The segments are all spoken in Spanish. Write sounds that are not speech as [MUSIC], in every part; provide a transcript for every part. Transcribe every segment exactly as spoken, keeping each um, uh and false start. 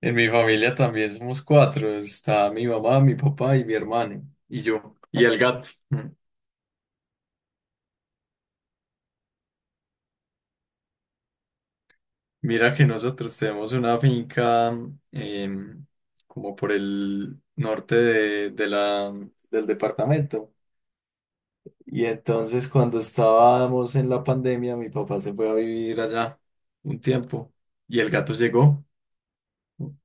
En mi familia también somos cuatro. Está mi mamá, mi papá y mi hermano. Y yo. Y el gato. Mm. Mira que nosotros tenemos una finca em, como por el norte de, de la, del departamento. Y entonces cuando estábamos en la pandemia, mi papá se fue a vivir allá un tiempo. Y el gato llegó.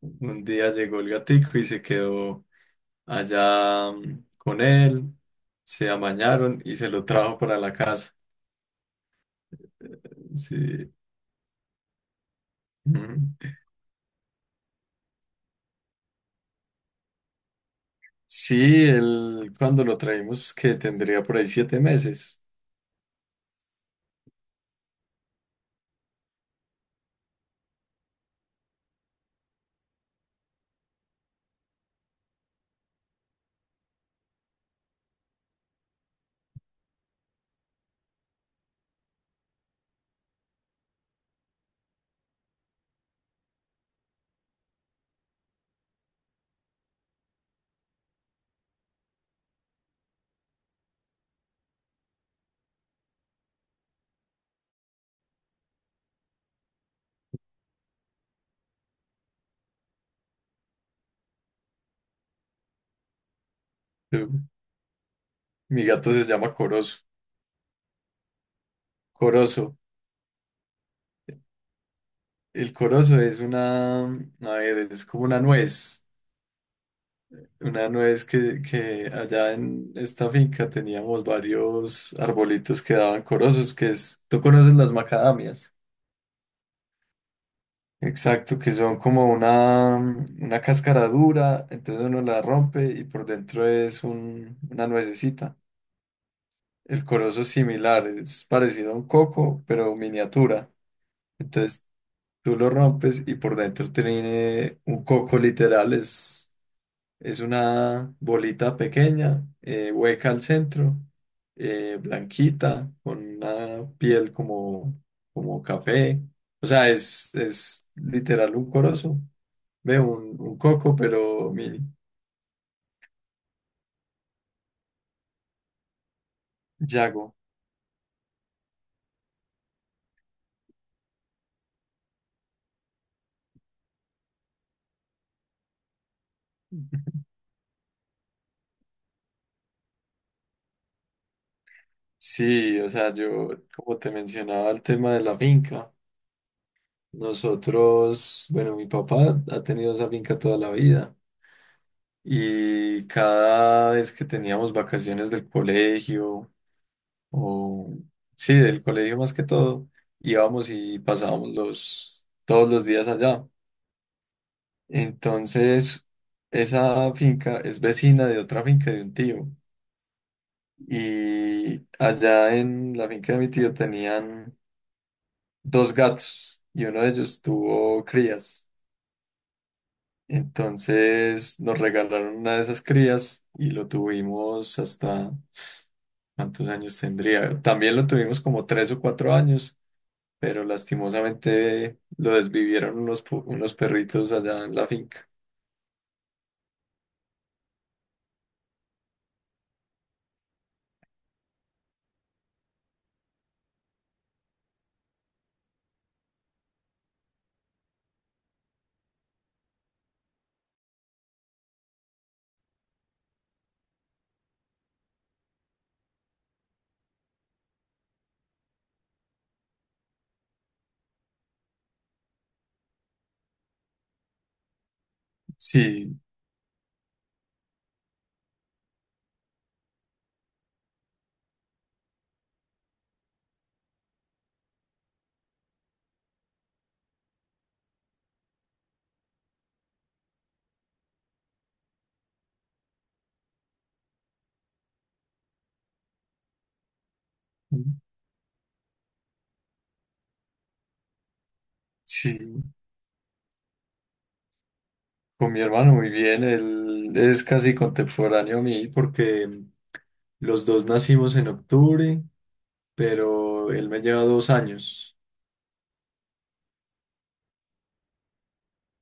Un día llegó el gatico y se quedó allá mm, con él. Se amañaron y se lo trajo para la casa. Sí. Ujú. Sí, él cuando lo traímos que tendría por ahí siete meses. Yo- Mi gato se llama Corozo. Corozo. El corozo es una, a ver, es como una nuez. Una nuez que, que allá en esta finca teníamos varios arbolitos que daban corozos, que es, tú conoces las macadamias. Exacto, que son como una, una cáscara dura, entonces uno la rompe y por dentro es un- una nuececita. El corozo es similar, es parecido a un coco, pero miniatura. Entonces tú lo rompes y por dentro tiene un coco literal, es, es una bolita pequeña, eh, hueca al centro, eh, blanquita, con una piel como, como café. O sea, es, es literal un corozo, ve un, un coco, pero mini. Yago. Sí, o sea, yo como te mencionaba el tema de la finca. Nosotros, bueno, mi papá ha tenido esa finca toda la vida y cada vez que teníamos vacaciones del colegio o sí, del colegio más que todo, íbamos y pasábamos los todos los días allá. Entonces, esa finca es vecina de otra finca de un tío y allá en la finca de mi tío tenían dos gatos y uno de ellos tuvo crías. Entonces nos regalaron una de esas crías y lo tuvimos hasta, ¿cuántos años tendría? También lo tuvimos como tres o cuatro años, pero lastimosamente lo desvivieron unos, pu- unos perritos allá en la finca. Sí, sí, con mi hermano muy bien, él es casi contemporáneo a mí porque los dos nacimos en octubre, pero él me lleva dos años.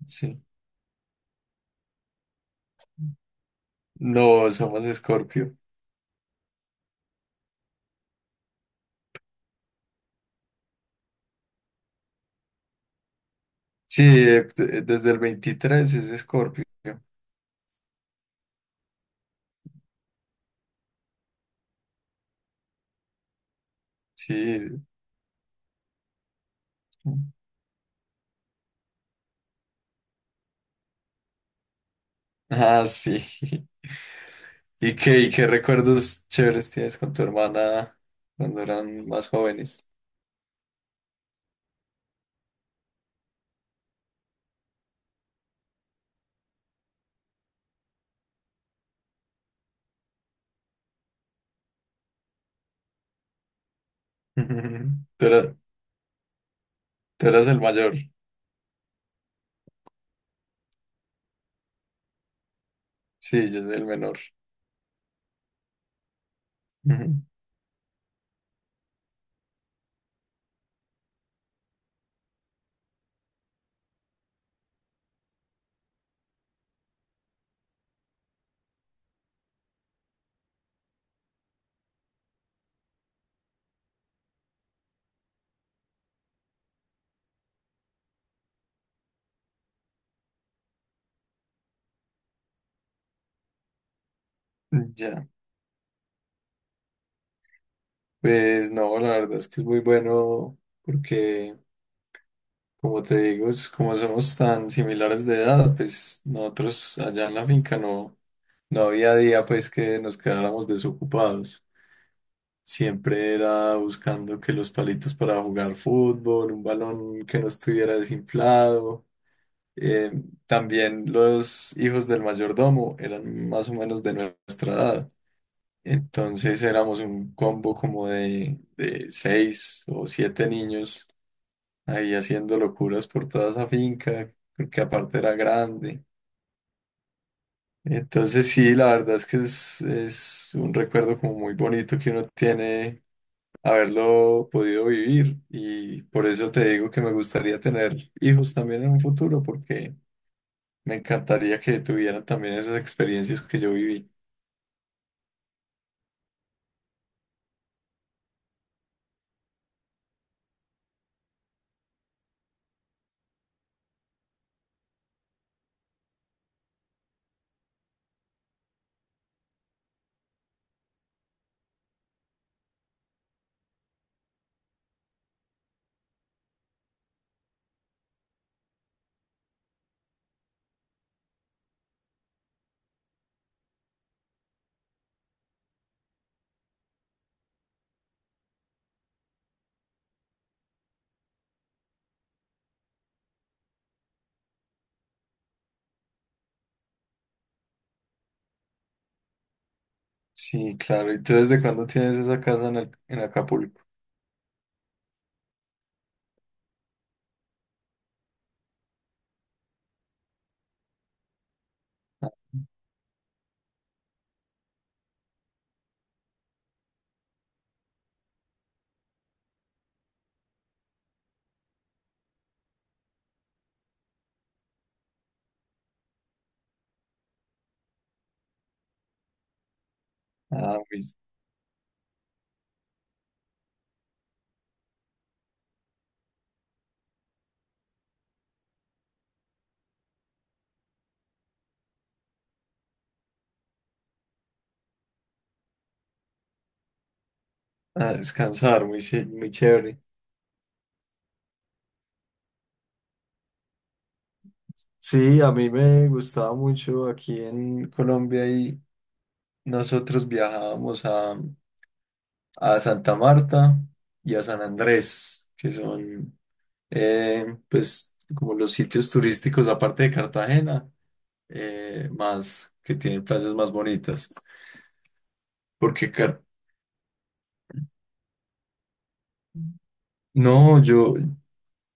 Sí, no, somos Escorpio. Sí, eh, de- desde el veintitrés es Escorpio. Sí. Ah, sí. [LAUGHS] ¿Y qué, y qué recuerdos chéveres tienes con tu hermana cuando eran más jóvenes? [LAUGHS] Tú era- tú eras, el mayor. Sí, yo soy el menor. [LAUGHS] Ujú. Ya. Pues no, la verdad es que es muy bueno porque, como te digo, es- como somos tan similares de edad, pues nosotros allá en la finca no, no había día pues que nos quedáramos desocupados. Siempre era buscando que los palitos para jugar fútbol, un balón que no estuviera desinflado. Eh, también los hijos del mayordomo eran más o menos de nuestra edad. Entonces éramos un combo como de, de seis o siete niños ahí haciendo locuras por toda esa finca, porque aparte era grande. Entonces sí, la verdad es que es, es un recuerdo como muy bonito que uno tiene haberlo podido vivir. Y por eso te digo que me gustaría tener hijos también en un futuro, porque me encantaría que tuvieran también esas experiencias que yo viví. Sí, claro. ¿Y tú desde cuándo tienes esa casa en, el- en Acapulco? Ah, muy- a descansar, muy, ch- muy chévere. Sí, a mí me gustaba mucho aquí en Colombia y nosotros viajábamos a, a Santa Marta y a San Andrés, que son eh, pues como los sitios turísticos aparte de Cartagena, eh, más que tienen playas más bonitas. Porque Car- no, yo,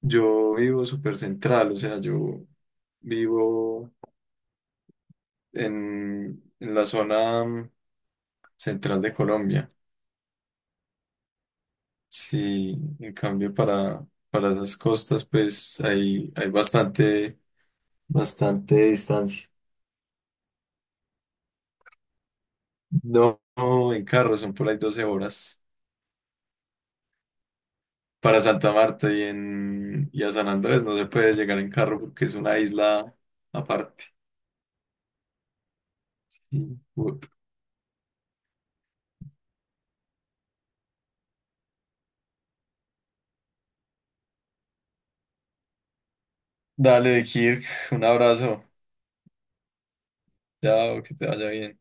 yo vivo súper central, o sea, yo vivo en, en la zona mm, central de Colombia. Sí, en cambio para, para esas costas, pues hay, hay bastante, bastante distancia. No, no, en carro son por ahí doce horas. Para Santa Marta y, en, y a San Andrés no se puede llegar en carro porque es una isla aparte. Y, bu- Dale, Kirk, un abrazo. Chao, que te vaya bien.